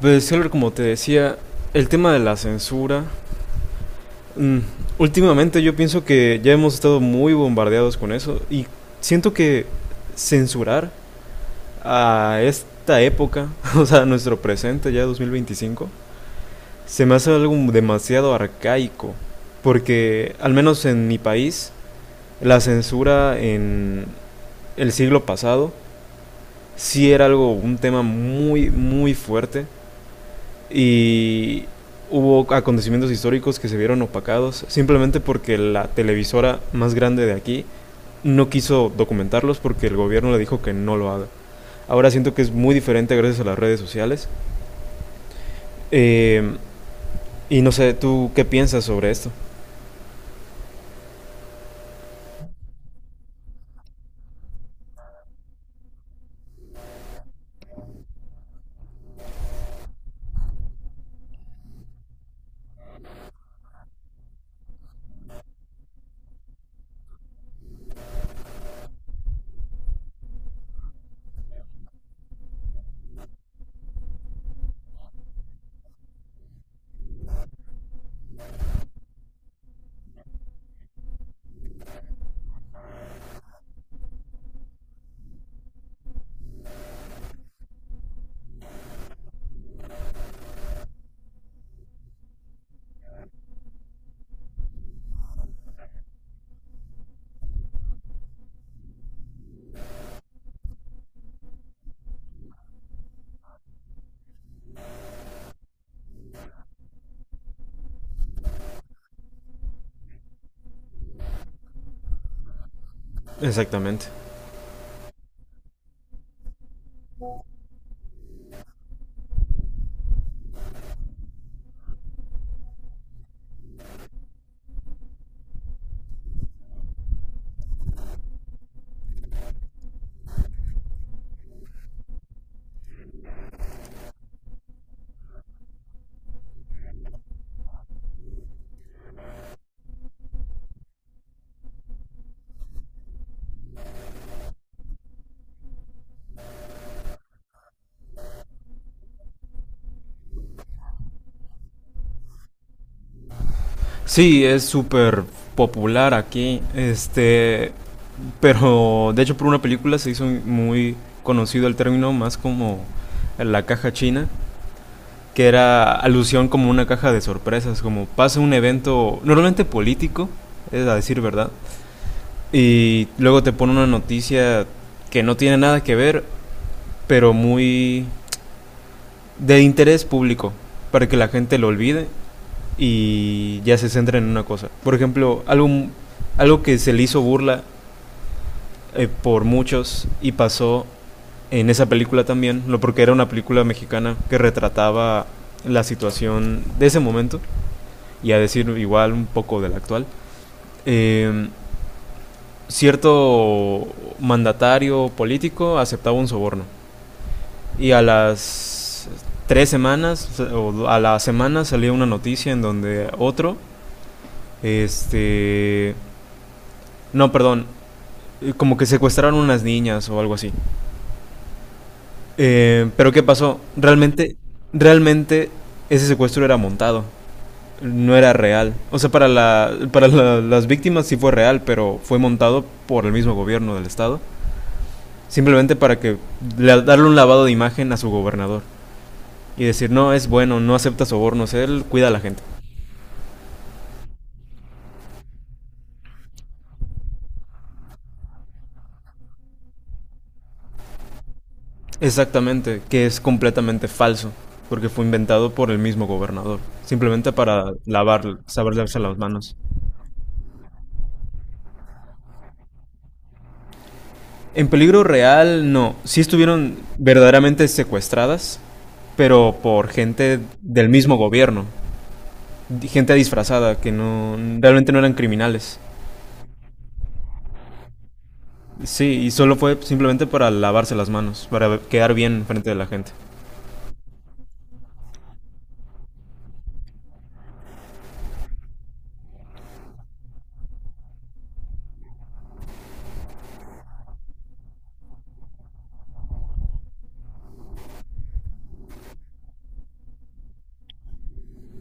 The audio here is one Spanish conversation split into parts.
Pues, Heller, como te decía, el tema de la censura. mm, Últimamente yo pienso que ya hemos estado muy bombardeados con eso y siento que censurar a esta época, o sea, nuestro presente ya 2025, se me hace algo demasiado arcaico. Porque, al menos en mi país, la censura en el siglo pasado sí era un tema muy, muy fuerte. Y hubo acontecimientos históricos que se vieron opacados simplemente porque la televisora más grande de aquí no quiso documentarlos porque el gobierno le dijo que no lo haga. Ahora siento que es muy diferente gracias a las redes sociales. Eh, y no sé, ¿tú qué piensas sobre esto? Exactamente. Sí, es súper popular aquí. Pero de hecho por una película se hizo muy conocido el término más como la caja china, que era alusión como una caja de sorpresas, como pasa un evento normalmente político, es a decir verdad, y luego te pone una noticia que no tiene nada que ver, pero muy de interés público, para que la gente lo olvide y ya se centre en una cosa. Por ejemplo, algo que se le hizo burla por muchos y pasó en esa película también, no porque era una película mexicana que retrataba la situación de ese momento y a decir igual un poco del actual, eh, cierto mandatario político aceptaba un soborno y a las 3 semanas o a la semana salía una noticia en donde otro, este, no, perdón, como que secuestraron unas niñas o algo así. Pero ¿qué pasó? Realmente, realmente ese secuestro era montado. No era real. O sea, para las víctimas sí fue real, pero fue montado por el mismo gobierno del estado. Simplemente para que darle un lavado de imagen a su gobernador. Y decir, no, es bueno, no acepta sobornos, él cuida a la gente. Exactamente, que es completamente falso. Porque fue inventado por el mismo gobernador. Simplemente para lavarse las manos. En peligro real, no. Sí estuvieron verdaderamente secuestradas, pero por gente del mismo gobierno. Gente disfrazada que no realmente no eran criminales. Sí, y solo fue simplemente para lavarse las manos, para quedar bien frente de la gente.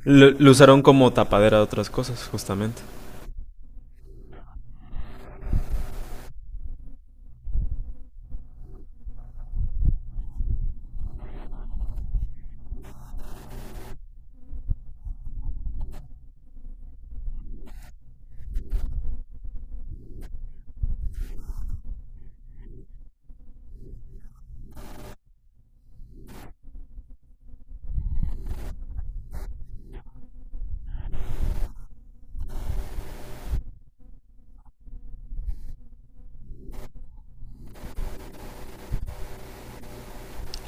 Lo usaron como tapadera de otras cosas, justamente.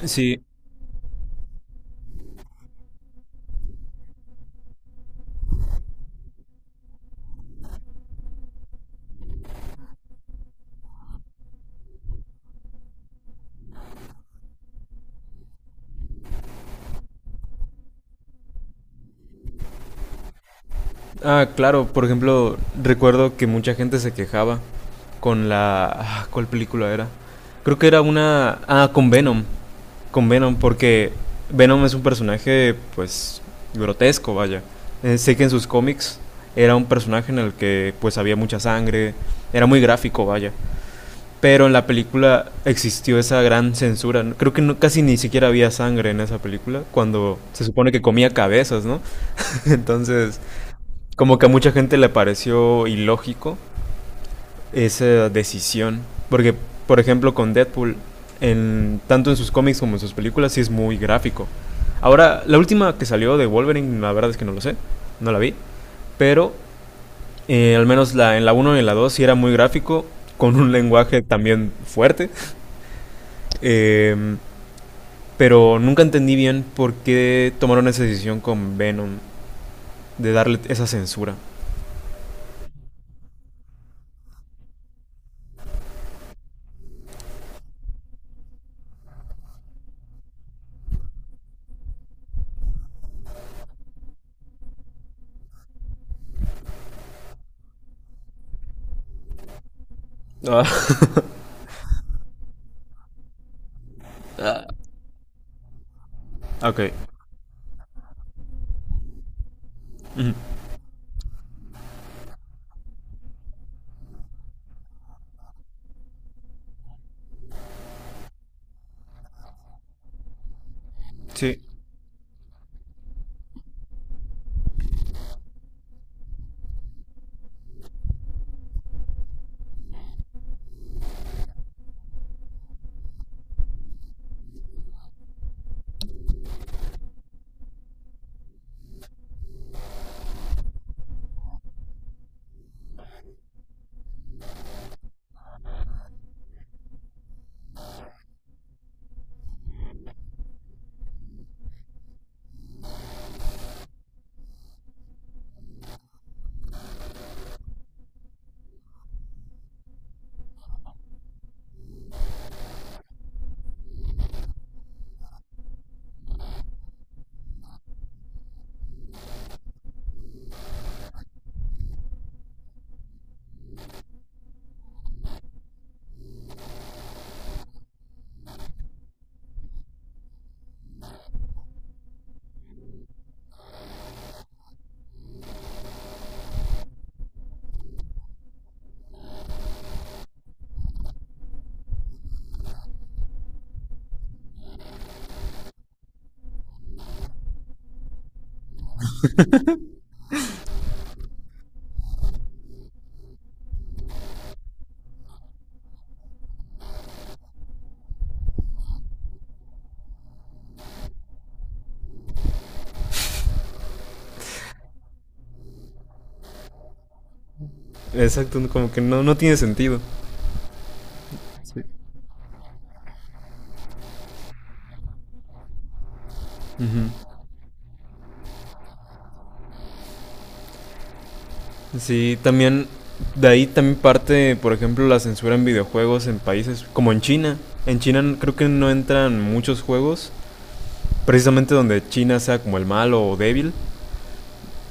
Sí, ah, claro, por ejemplo, recuerdo que mucha gente se quejaba. Ah, ¿cuál película era? Creo que era. Ah, con Venom. Con Venom, porque Venom es un personaje, pues, grotesco, vaya. Sé que en sus cómics era un personaje en el que, pues, había mucha sangre, era muy gráfico, vaya. Pero en la película existió esa gran censura. Creo que no, casi ni siquiera había sangre en esa película, cuando se supone que comía cabezas, ¿no? Entonces, como que a mucha gente le pareció ilógico esa decisión. Porque, por ejemplo, con Deadpool, en, tanto en sus cómics como en sus películas, sí es muy gráfico. Ahora, la última que salió de Wolverine, la verdad es que no lo sé, no la vi. Pero, al menos en la uno y en la 2 sí era muy gráfico, con un lenguaje también fuerte. Eh, pero nunca entendí bien por qué tomaron esa decisión con Venom de darle esa censura. Ah, ah, ok. Ujú. Sí. Exacto, no, como que no, no tiene sentido. Uh -huh. Sí, también de ahí también parte, por ejemplo, la censura en videojuegos en países como en China. En China creo que no entran muchos juegos, precisamente donde China sea como el malo o débil.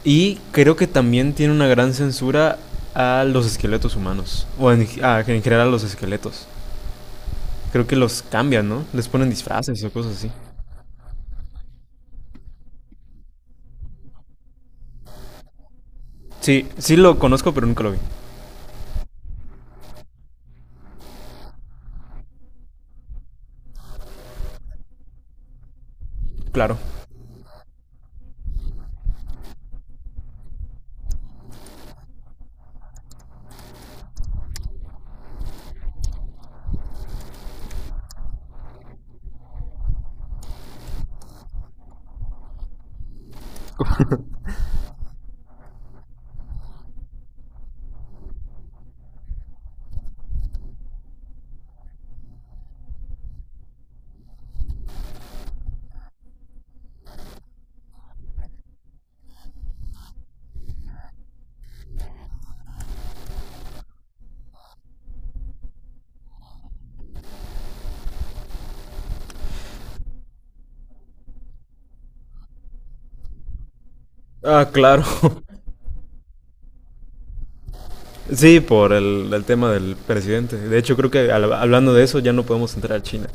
Y creo que también tiene una gran censura a los esqueletos humanos, o en general a los esqueletos. Creo que los cambian, ¿no? Les ponen disfraces o cosas así. Sí, sí lo conozco, pero nunca lo vi. Claro. Ah, claro. Sí, por el tema del presidente. De hecho, creo que hablando de eso ya no podemos entrar a China.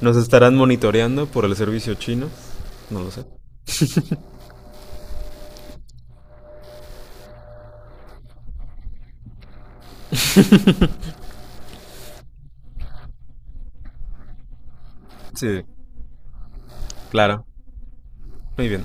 Nos estarán monitoreando por el servicio chino. No lo sé. Sí, claro. Muy bien.